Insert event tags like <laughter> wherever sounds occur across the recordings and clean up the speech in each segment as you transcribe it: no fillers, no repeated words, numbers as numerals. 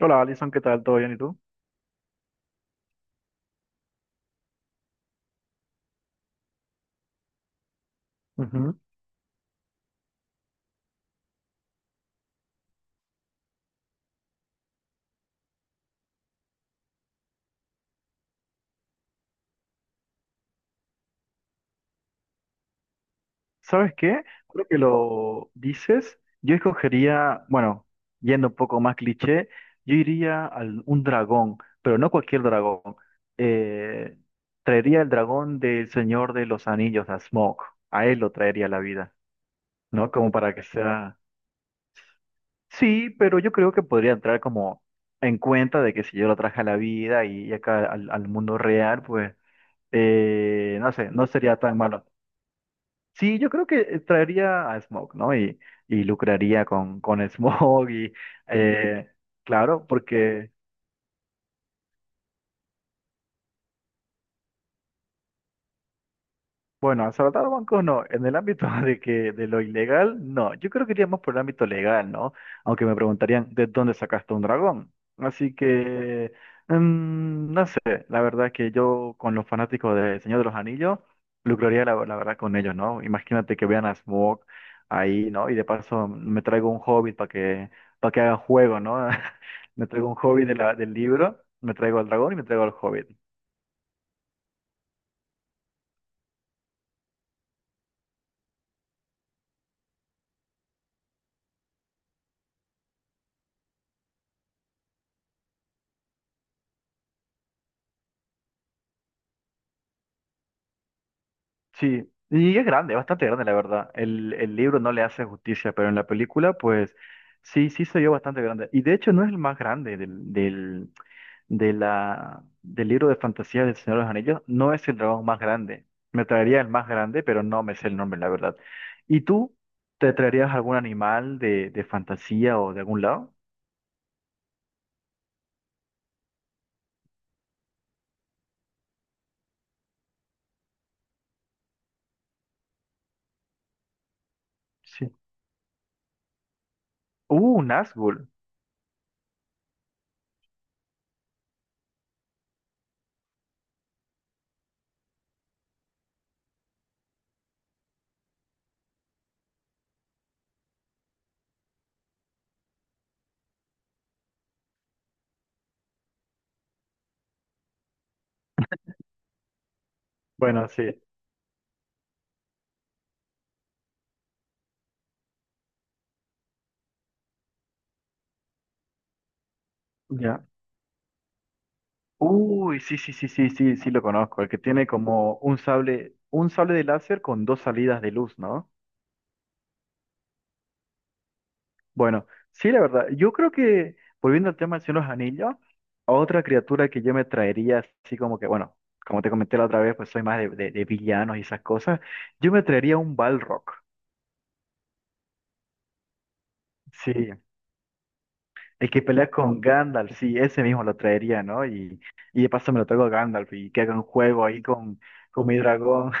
Hola, Alison, ¿qué tal? ¿Todo bien? ¿Y tú? Ujú. ¿Sabes qué? Creo que lo dices. Yo escogería, bueno, yendo un poco más cliché, yo iría a un dragón, pero no cualquier dragón. Eh, Traería el dragón del Señor de los Anillos, a Smaug. A él lo traería a la vida, ¿no? Como para que sea... Sí, pero yo creo que podría entrar como en cuenta de que si yo lo traje a la vida y acá al mundo real, pues, no sé, no sería tan malo. Sí, yo creo que traería a Smoke, ¿no? Y lucraría con Smoke y, <laughs> eh, claro, porque bueno, asaltar bancos no, en el ámbito <laughs> de que de lo ilegal, no. Yo creo que iríamos por el ámbito legal, ¿no? Aunque me preguntarían de dónde sacaste un dragón. Así que, no sé, la verdad que yo con los fanáticos de Señor de los Anillos, lucraría la verdad con ellos, ¿no? Imagínate que vean a Smaug ahí, ¿no? Y de paso me traigo un hobbit para que haga juego, ¿no? <laughs> Me traigo un hobbit de la- del libro, me traigo al dragón y me traigo al hobbit. Sí, y es grande, bastante grande, la verdad. El libro no le hace justicia, pero en la película, pues sí, sí se vio bastante grande. Y de hecho no es el más grande del libro de fantasía del Señor de los Anillos, no es el dragón más grande. Me traería el más grande, pero no me sé el nombre, la verdad. ¿Y tú te traerías algún animal de fantasía o de algún lado? Sí. Un Nazgûl. Bueno, sí. Ya. Uy, sí, sí, sí, sí, sí, sí lo conozco. El que tiene como un sable de láser con dos salidas de luz, ¿no? Bueno, sí, la verdad. Yo creo que, volviendo al tema del Señor de los Anillos, otra criatura que yo me traería, así como que, bueno, como te comenté la otra vez, pues soy más de villanos y esas cosas. Yo me traería un Balrog. Sí, el que pelea con Gandalf, sí, ese mismo lo traería, ¿no? Y de paso me lo traigo a Gandalf y que haga un juego ahí con mi dragón.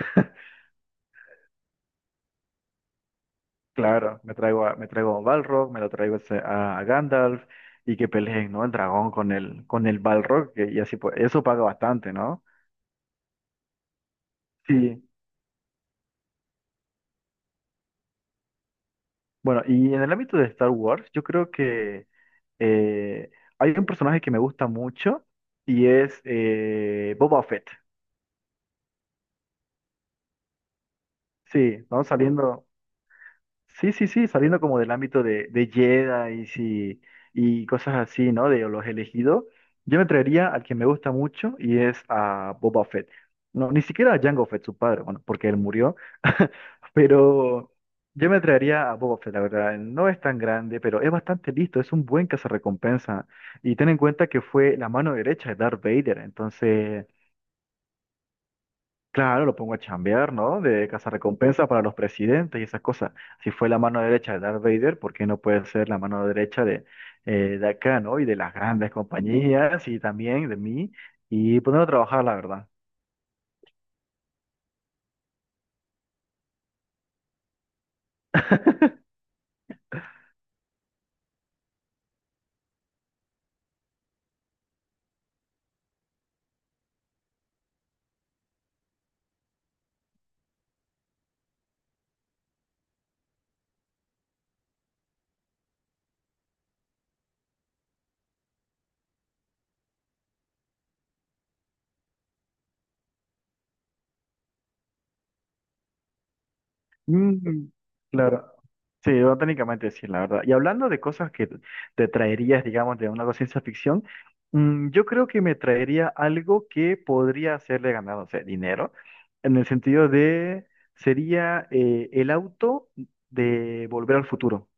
Claro, me traigo a Balrog, me lo traigo ese- a Gandalf y que peleen, ¿no? El dragón con el Balrog, que, y así pues, eso paga bastante, ¿no? Sí. Bueno, y en el ámbito de Star Wars, yo creo que eh, hay un personaje que me gusta mucho y es Boba Fett. Sí, vamos saliendo. Sí, sí, sí, saliendo como del ámbito de Jedi y cosas así, ¿no? De los elegidos, yo me traería al que me gusta mucho y es a Boba Fett. No, ni siquiera a Jango Fett, su padre, bueno, porque él murió, <laughs> pero yo me traería a Boba Fett, la verdad. No es tan grande, pero es bastante listo, es un buen cazarrecompensa. Y ten en cuenta que fue la mano derecha de Darth Vader, entonces claro, lo pongo a chambear, ¿no? De cazarrecompensas para los presidentes y esas cosas. Si fue la mano derecha de Darth Vader, ¿por qué no puede ser la mano derecha de acá, ¿no? Y de las grandes compañías y también de mí y ponerlo a trabajar, la verdad. <laughs> Mm, claro. Sí, bueno, técnicamente sí, la verdad. Y hablando de cosas que te traerías, digamos, de una ciencia ficción, yo creo que me traería algo que podría hacerle ganar, no sé, dinero, en el sentido de, sería el auto de Volver al Futuro.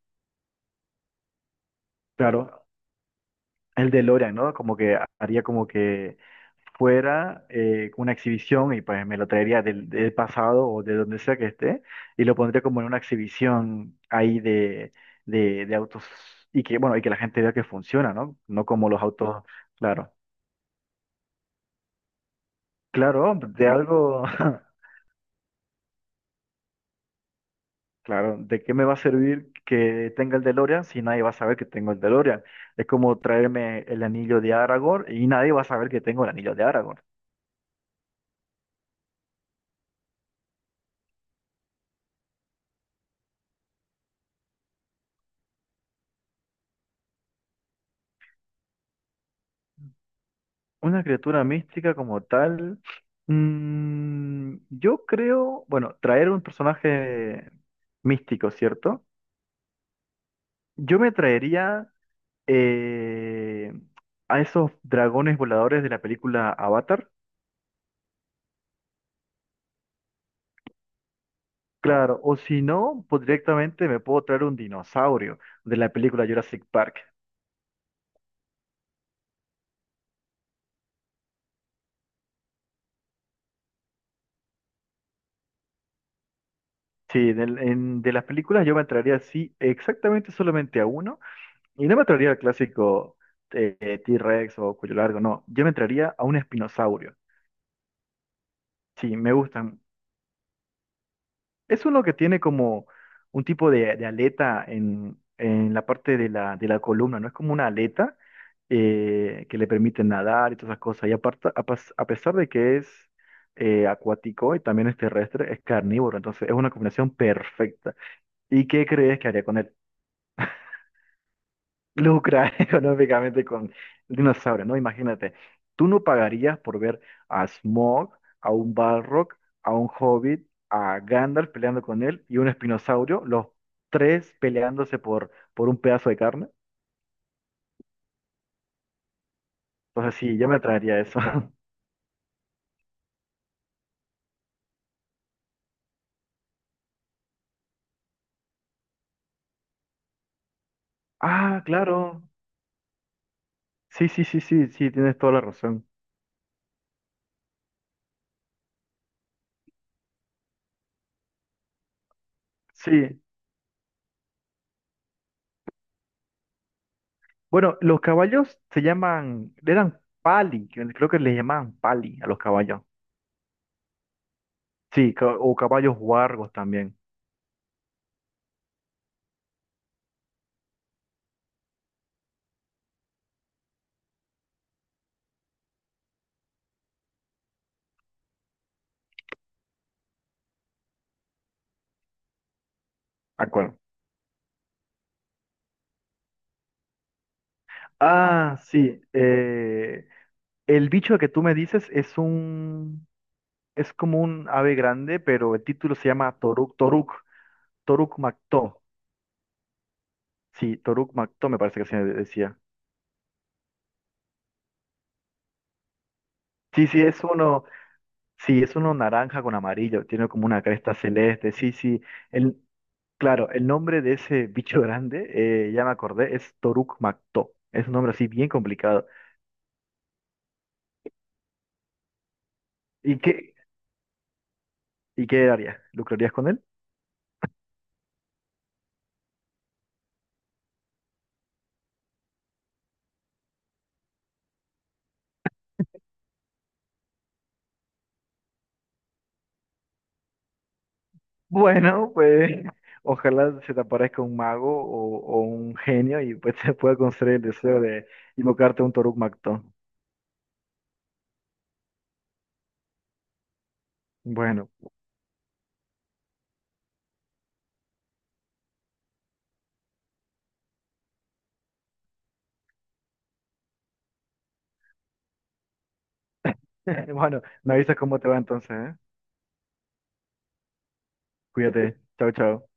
Claro, el DeLorean, ¿no? Como que haría como que fuera una exhibición y pues me lo traería del, del pasado o de donde sea que esté y lo pondría como en una exhibición ahí de autos y que, bueno, y que la gente vea que funciona, ¿no? No como los autos, claro. Claro, de algo, <laughs> claro, ¿de qué me va a servir que tenga el DeLorean si nadie va a saber que tengo el DeLorean? Es como traerme el anillo de Aragorn y nadie va a saber que tengo el anillo de Aragorn. Una criatura mística como tal. Yo creo, bueno, traer un personaje místico, ¿cierto? Yo me traería eh, a esos dragones voladores de la película Avatar. Claro, o si no, pues directamente me puedo traer un dinosaurio de la película Jurassic Park. Sí, de las películas yo me traería, sí, exactamente solamente a uno. Y no me traería el clásico eh, T-Rex o cuello largo, no. Yo me traería a un espinosaurio. Sí, me gustan. Es uno que tiene como un tipo de aleta en la parte de la columna, ¿no? Es como una aleta que le permite nadar y todas esas cosas. Y aparte, a pesar de que es acuático y también es terrestre, es carnívoro. Entonces es una combinación perfecta. ¿Y qué crees que haría con él? Lucra <laughs> económicamente con el dinosaurio, ¿no? Imagínate, tú no pagarías por ver a Smaug, a un Balrog, a un Hobbit, a Gandalf peleando con él y un espinosaurio, los tres peleándose por un pedazo de carne. Entonces sí, yo me atraería eso. <laughs> Ah, claro. Sí, sí, sí, sí, sí, tienes toda la razón. Sí. Bueno, los caballos se llaman, eran pali, que creo que les llamaban pali a los caballos. Sí, ca- o caballos huargos también. De acuerdo. Ah, sí. El bicho que tú me dices es un, es como un ave grande, pero el título se llama Toruk, Toruk, Toruk Mactó. Sí, Toruk Mactó me parece que se decía. Sí, sí, es uno naranja con amarillo, tiene como una cresta celeste. Sí, sí. El, claro, el nombre de ese bicho <laughs> grande, ya me acordé, es Toruk Mactó. Es un nombre así bien complicado. ¿Y qué, ¿y qué harías? ¿Lucrarías con él? Bueno, pues ojalá se te aparezca un mago o un genio y pues <laughs> se pueda conceder el deseo de invocarte un Toruk Magto. Bueno, <laughs> bueno, me avisas cómo te va entonces, ¿eh? Cuídate. Chao, chao.